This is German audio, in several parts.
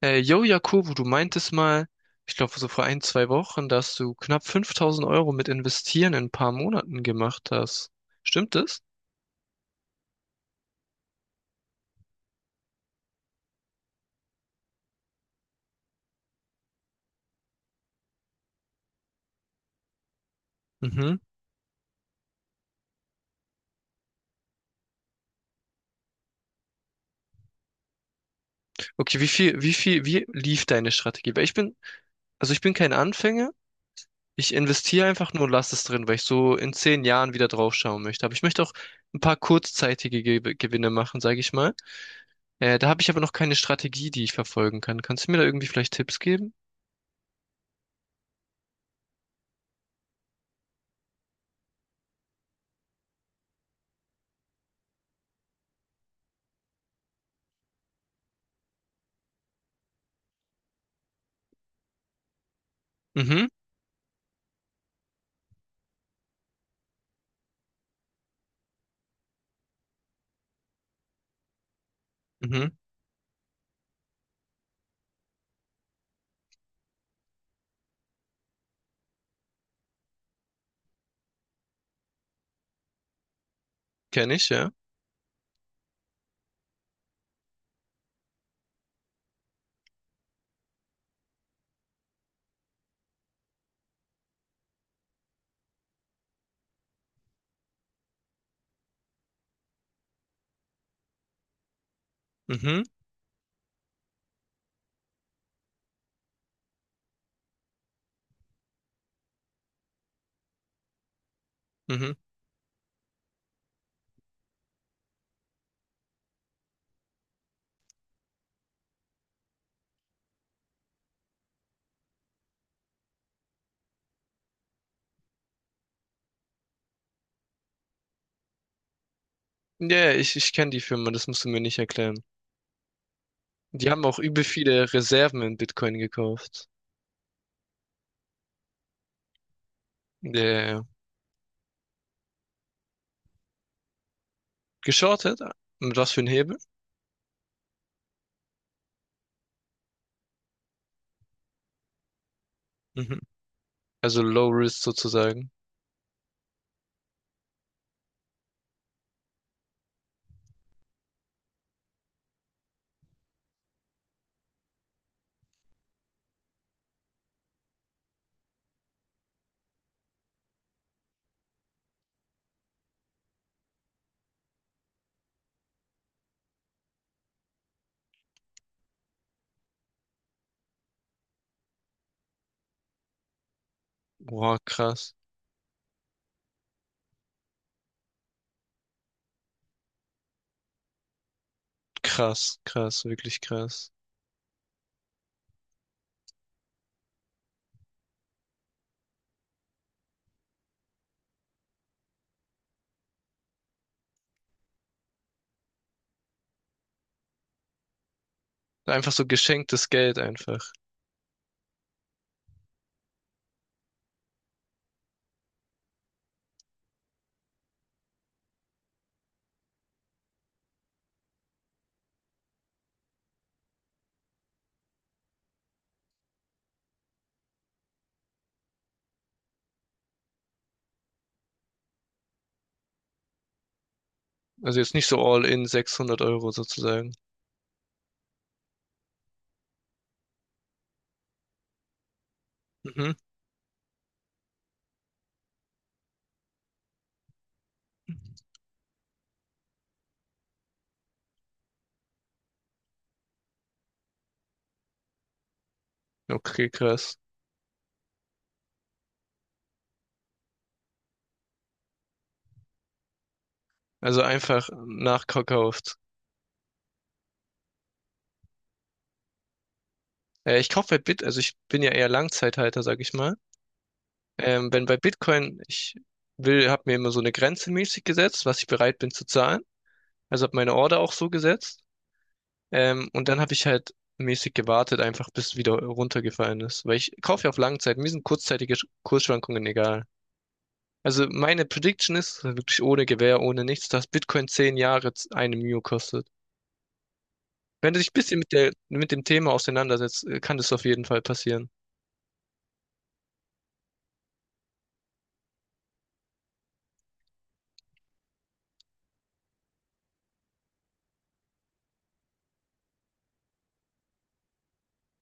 Yo, Jakobo, du meintest mal, ich glaube so vor ein, zwei Wochen, dass du knapp 5.000 Euro mit Investieren in ein paar Monaten gemacht hast. Stimmt das? Mhm. Okay, wie lief deine Strategie? Also ich bin kein Anfänger. Ich investiere einfach nur und lasse es drin, weil ich so in 10 Jahren wieder draufschauen möchte. Aber ich möchte auch ein paar kurzzeitige Ge Gewinne machen, sage ich mal. Da habe ich aber noch keine Strategie, die ich verfolgen kann. Kannst du mir da irgendwie vielleicht Tipps geben? Mhm, mhm, kenne ich, ja. Mhm, mhm. Ja, ja, ich kenne die Firma, das musst du mir nicht erklären. Die haben auch übel viele Reserven in Bitcoin gekauft. Ja, ja, ja. Geschortet? Mit was für ein Hebel? Mhm. Also Low Risk sozusagen. Boah, krass. Krass, krass, wirklich krass. Einfach so geschenktes Geld einfach. Also jetzt nicht so all in 600 Euro sozusagen. Mhm. Okay, krass. Also einfach nachverkauft. Ich kaufe halt also ich bin ja eher Langzeithalter, sag ich mal. Wenn bei Bitcoin, habe mir immer so eine Grenze mäßig gesetzt, was ich bereit bin zu zahlen. Also habe meine Order auch so gesetzt. Und dann habe ich halt mäßig gewartet, einfach bis wieder runtergefallen ist. Weil ich kaufe ja auf Langzeit, mir sind kurzzeitige Kursschwankungen egal. Also meine Prediction ist also wirklich ohne Gewähr, ohne nichts, dass Bitcoin 10 Jahre eine Mio kostet. Wenn du dich ein bisschen mit der, mit dem Thema auseinandersetzt, kann das auf jeden Fall passieren.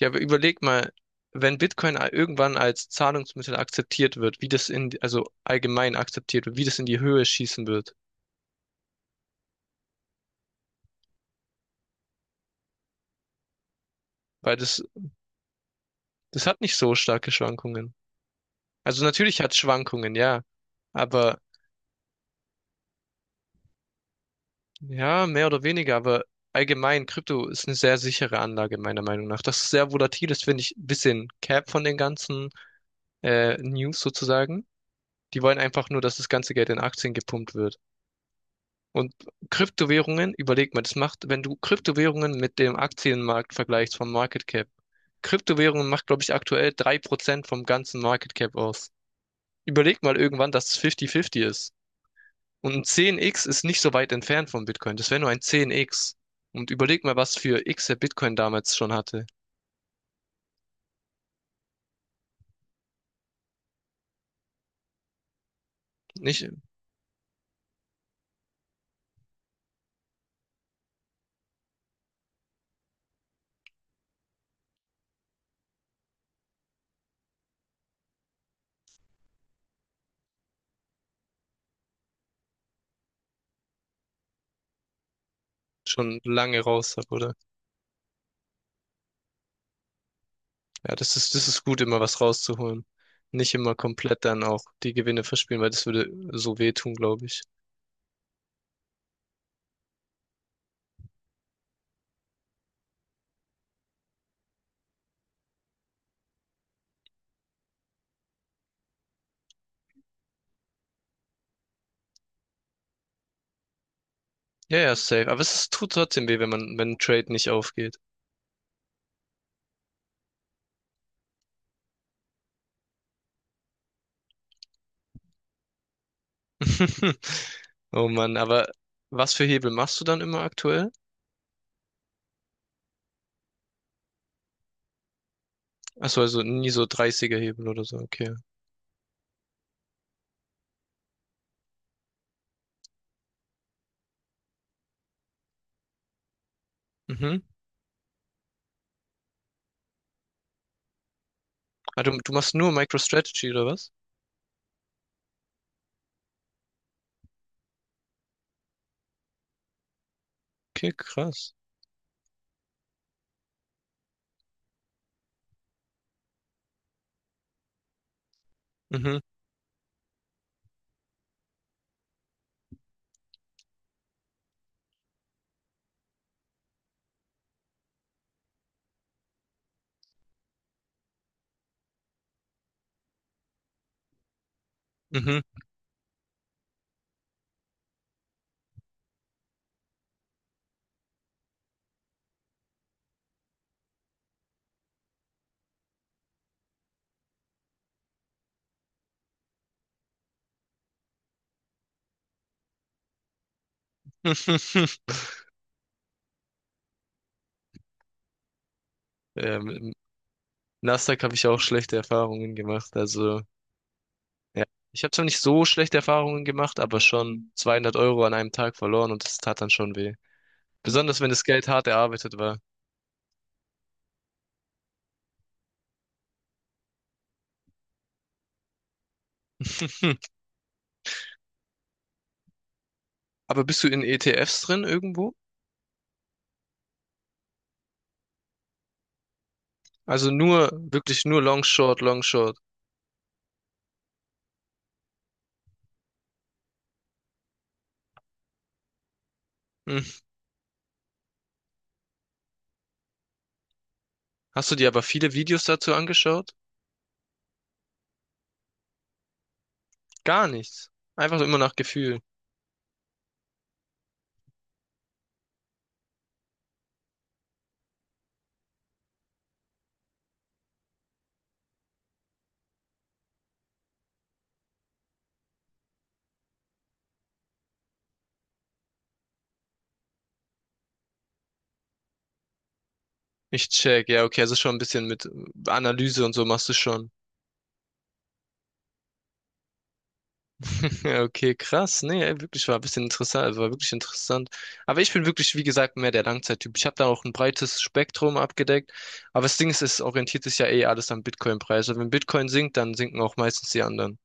Ja, aber überleg mal, wenn Bitcoin irgendwann als Zahlungsmittel akzeptiert wird, also allgemein akzeptiert wird, wie das in die Höhe schießen wird. Weil das hat nicht so starke Schwankungen. Also natürlich hat es Schwankungen, ja. Aber ja, mehr oder weniger, aber allgemein, Krypto ist eine sehr sichere Anlage, meiner Meinung nach. Das ist sehr volatil ist, finde ich ein bisschen cap von den ganzen News sozusagen. Die wollen einfach nur, dass das ganze Geld in Aktien gepumpt wird. Und Kryptowährungen, überleg mal, das macht, wenn du Kryptowährungen mit dem Aktienmarkt vergleichst vom Market Cap. Kryptowährungen macht, glaube ich, aktuell 3% vom ganzen Market Cap aus. Überleg mal irgendwann, dass es 50-50 ist. Und ein 10x ist nicht so weit entfernt von Bitcoin. Das wäre nur ein 10x. Und überleg mal, was für x der Bitcoin damals schon hatte. Nicht schon lange raus hat, oder? Ja, das ist gut, immer was rauszuholen. Nicht immer komplett dann auch die Gewinne verspielen, weil das würde so wehtun, glaube ich. Ja, ja, safe. Aber es tut trotzdem weh, wenn wenn ein Trade nicht aufgeht. Oh Mann, aber was für Hebel machst du dann immer aktuell? Achso, also nie so 30 Hebel oder so, okay. Mhm. Ah, du machst nur MicroStrategy oder was? Okay, krass. Mhm, mhm. Ja, mit Nasdaq habe ich auch schlechte Erfahrungen gemacht. Also, ja, ich habe zwar nicht so schlechte Erfahrungen gemacht, aber schon 200 Euro an einem Tag verloren und das tat dann schon weh. Besonders wenn das Geld hart erarbeitet war. Aber bist du in ETFs drin irgendwo? Also nur, wirklich nur Long Short, Long Short. Hm. Hast du dir aber viele Videos dazu angeschaut? Gar nichts. Einfach immer nach Gefühl. Ich check. Ja, okay, also schon ein bisschen mit Analyse und so machst du schon. Ja, okay, krass. Nee, ey, wirklich war ein bisschen interessant, war wirklich interessant. Aber ich bin wirklich, wie gesagt, mehr der Langzeittyp. Ich habe da auch ein breites Spektrum abgedeckt. Aber das Ding ist, es orientiert sich ja eh alles am Bitcoin-Preis. Und wenn Bitcoin sinkt, dann sinken auch meistens die anderen.